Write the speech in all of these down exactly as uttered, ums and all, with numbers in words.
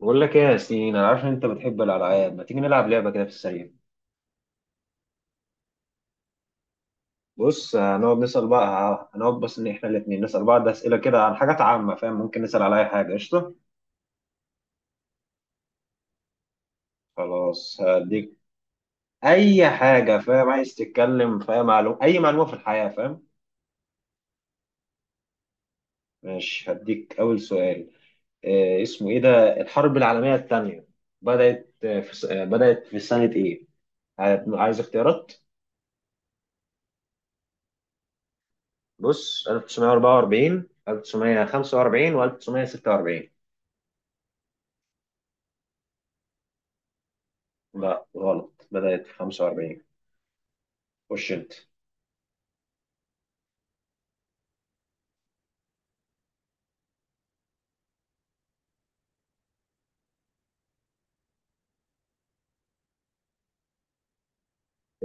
بقول لك ايه يا ياسين، انا عارف ان انت بتحب الالعاب. ما تيجي نلعب لعبه كده في السريع؟ بص، هنقعد نسال بقى، هنقعد بس ان احنا الاثنين نسال بعض اسئله كده عن حاجات عامه، فاهم؟ ممكن نسال على اي حاجه، قشطه. خلاص هديك. اي حاجه، فاهم؟ عايز تتكلم في اي معلومه، اي معلومه في الحياه، فاهم؟ ماشي، هديك اول سؤال. إيه اسمه ايه ده، الحرب العالميه الثانيه بدات آه، في س- آه، بدات في سنه ايه؟ عايز عايز اختيارات؟ بص: ألف وتسعمية واربعة واربعين، ألف وتسعمية وخمسة واربعين، و1946. لا غلط، بدأت في خمسة واربعين. خش انت.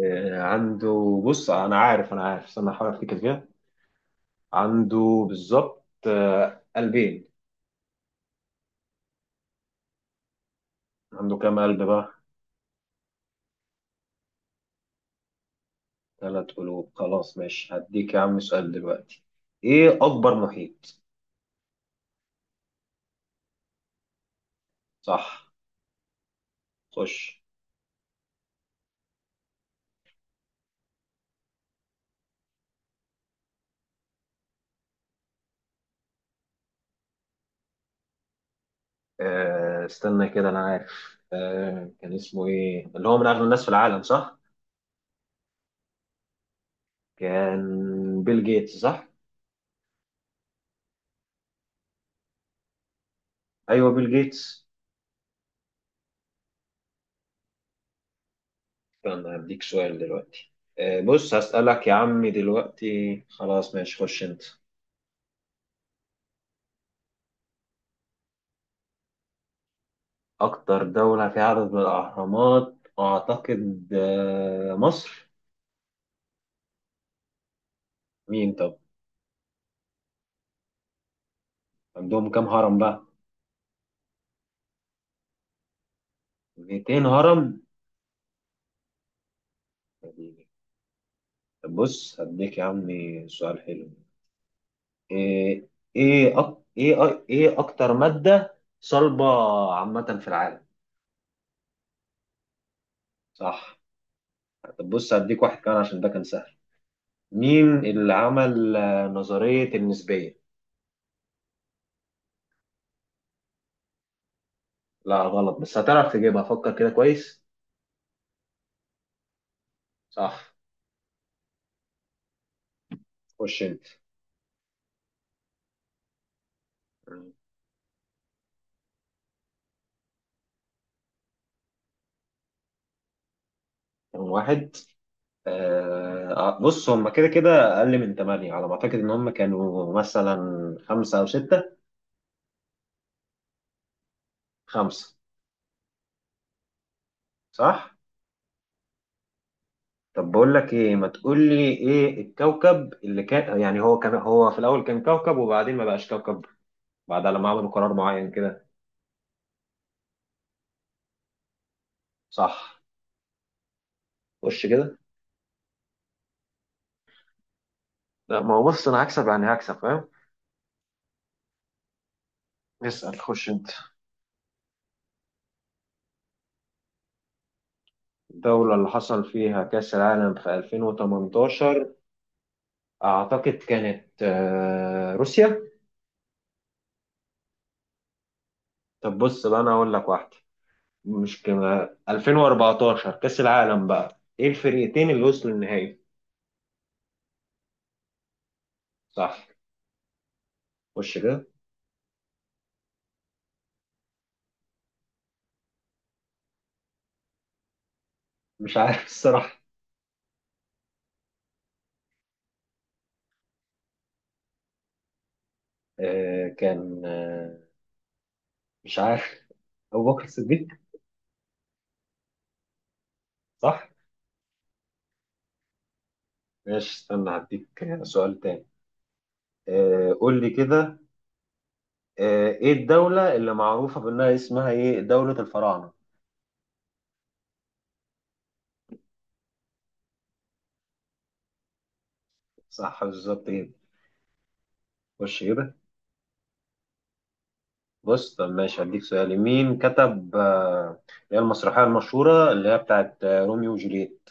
آه، عنده بص، انا عارف، انا عارف استنى احاول افتكر كده. عنده بالظبط آه، قلبين. عنده كام قلب بقى؟ ثلاث قلوب. خلاص ماشي، هديك يا عم سؤال دلوقتي. ايه اكبر محيط؟ صح. خش. آه، استنى كده، انا عارف. آه، كان اسمه ايه اللي هو من اغنى الناس في العالم؟ صح، كان بيل جيتس. صح، ايوه بيل جيتس. فأنا هديك سؤال دلوقتي. آه، بص، هسألك يا عمي دلوقتي. خلاص ماشي، خش أنت. أكتر دولة فيها عدد من الأهرامات أعتقد آه، مصر. مين طب؟ عندهم كام هرم بقى؟ مئتين هرم. طب بص، هديك يا عمي سؤال حلو. إيه؟ إيه أك... إيه أ- إيه أكتر مادة صلبة عامة في العالم؟ صح. طب بص، هديك واحد كمان عشان ده كان سهل. مين اللي عمل آه، نظرية النسبية؟ لا غلط، بس هتعرف تجيبها، فكر كده كويس. صح. خش انت. رقم واحد. آه آه، بص، هم كده كده اقل من ثمانية على ما اعتقد. ان هم كانوا مثلا خمسة او ستة. خمسة. صح. طب بقول لك ايه، ما تقول لي ايه الكوكب اللي كان، يعني هو كان، هو في الاول كان كوكب وبعدين ما بقاش كوكب بعد لما عملوا قرار معين كده. صح. خش كده. لا، ما هو بص انا هكسب، يعني هكسب، فاهم. اسال، خش انت. الدولة اللي حصل فيها كأس العالم في ألفين وتمنتاشر أعتقد كانت آه، روسيا. طب بص بقى، أنا هقول لك واحدة. مش كما ألفين واربعة عشر كأس العالم بقى، إيه الفريقين اللي وصلوا النهائي؟ صح. خش كده. مش عارف الصراحة. آه، كان آه، مش عارف. أبو بكر الصديق. صح. ماشي استنى، هديك سؤال تاني. آه، قول لي كده. آه، إيه الدولة اللي معروفة بأنها اسمها إيه، دولة الفراعنة؟ صح بالظبط كده. خش كده. بص، طب ماشي هديك سؤال: مين كتب آه، اللي هي المسرحية المشهورة اللي هي بتاعت آه، روميو وجولييت؟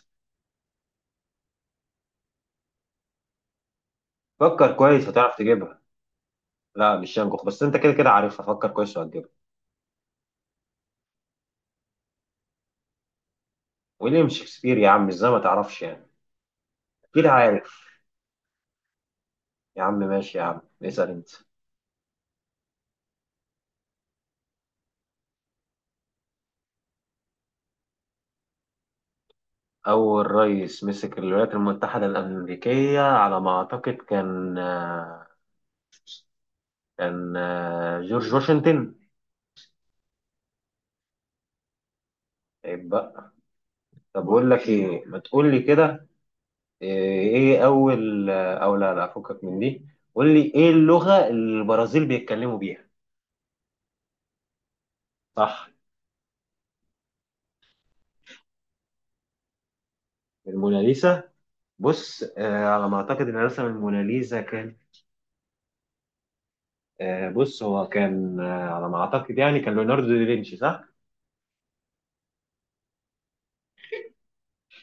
فكر كويس هتعرف تجيبها. لا مش شانكوخ، بس انت كده كده عارفها، فكر كويس وهتجيبها. ويليام شكسبير يا عم، ازاي ما تعرفش يعني. اكيد عارف. يا عم ماشي، يا عم اسأل انت. أول رئيس مسك الولايات المتحدة الأمريكية على ما أعتقد كان آه، كان آه، جورج واشنطن. عيب بقى. طب بقول لك إيه، ما تقول لي كده. ايه اول، او لا لا، فكك من دي. قول لي ايه اللغة اللي البرازيل بيتكلموا بيها؟ صح. الموناليزا؟ بص آه على ما اعتقد ان رسم الموناليزا كان، آه بص هو كان، آه على ما اعتقد يعني، كان ليوناردو دافنشي. صح.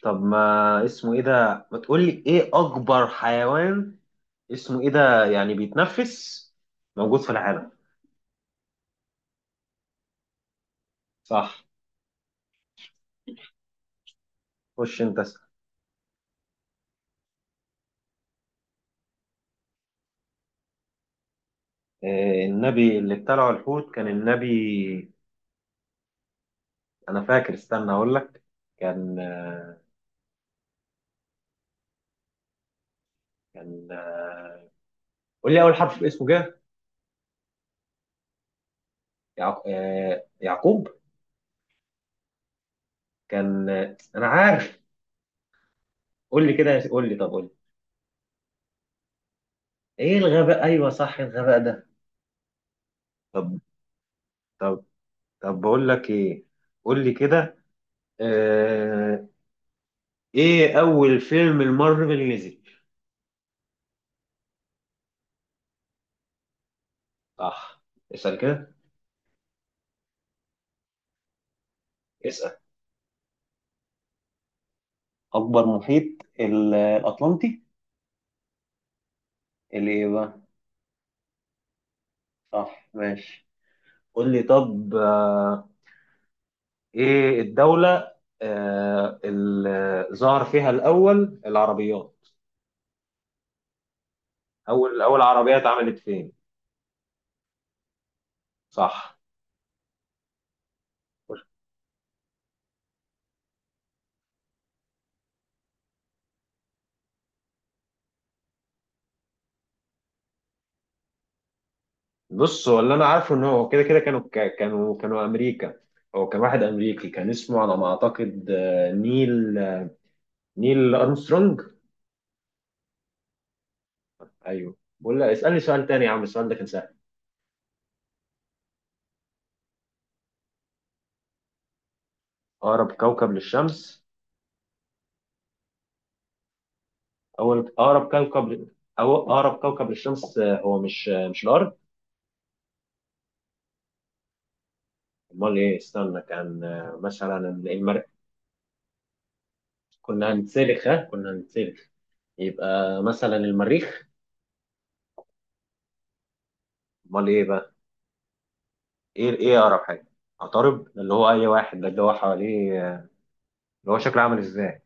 طب ما اسمه ايه ده، ما تقول لي ايه اكبر حيوان، اسمه ايه ده يعني، بيتنفس موجود في العالم؟ صح. خش انت اسأل. آه النبي اللي ابتلعه الحوت كان النبي، انا فاكر، استنى اقول لك. كان آه، كان آه، قول لي اول حرف في اسمه كده. يعق... آه، يعقوب. كان آه، انا عارف. قول لي كده، قول لي، طب قول لي. ايه الغباء، ايوه صح الغباء ده. طب، طب، طب بقول لك ايه، قول لي كده. آه... ايه اول فيلم المارفل نزل؟ صح. اسال كده. اسال. اكبر محيط؟ ال- الاطلنطي. اللي ايه بقى؟ صح، ماشي. قول لي طب. آه، ايه الدولة آه اللي ظهر فيها الأول العربيات؟ أول أول عربية اتعملت فين؟ صح. بص، هو اللي أنا عارفه إن هو كده كده كانوا، ك- كانوا كانوا أمريكا. هو كان واحد أمريكي، كان اسمه على ما أعتقد آه، نيل، نيل أرمسترونج. أيوه، بقول لك اسألني سؤال تاني يا عم، السؤال ده كان سهل. أقرب كوكب للشمس؟ أول أقرب كوكب ل- أو أقرب كوكب للشمس آه، هو مش آه، مش الأرض. أمال إيه؟ استنى، كان آه، مثلا المريخ. كنا هنتسلخ، ها، كنا هنتسلخ. يبقى مثلا المريخ. امال ايه بقى؟ ايه، ايه اقرب حاجه. عطارد اللي هو اي واحد ده، اللي هو حواليه، اللي هو شكله عامل ازاي؟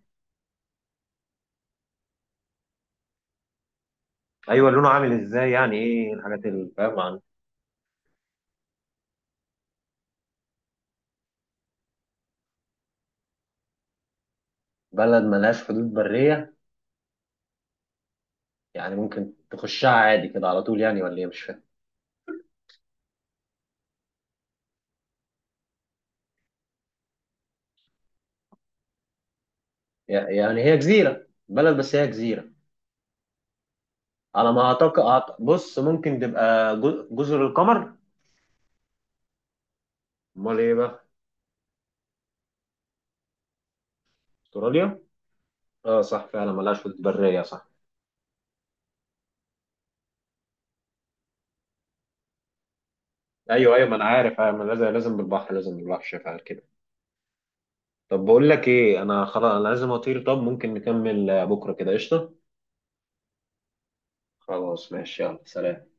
ايوه، لونه عامل ازاي يعني، ايه الحاجات اللي فاهم عن. بلد ملهاش حدود بريه؟ يعني ممكن تخشها عادي كده على طول يعني، ولا ايه، مش فاهم. يعني هي جزيره، بلد بس هي جزيره. على ما اعتقد أعت- بص، ممكن تبقى جو- جزر القمر. امال ايه بقى؟ استراليا. اه صح، فعلا ملهاش حدود بريه، صح. ايوه ايوه، ما انا عارف، أيوة، ما لازم، لازم بالبحر لازم بالبحر، شايف على كده. طب بقول لك ايه، انا خلاص انا لازم اطير، طب ممكن نكمل آه، بكره كده، قشطه؟ خلاص ماشي، يلا سلام.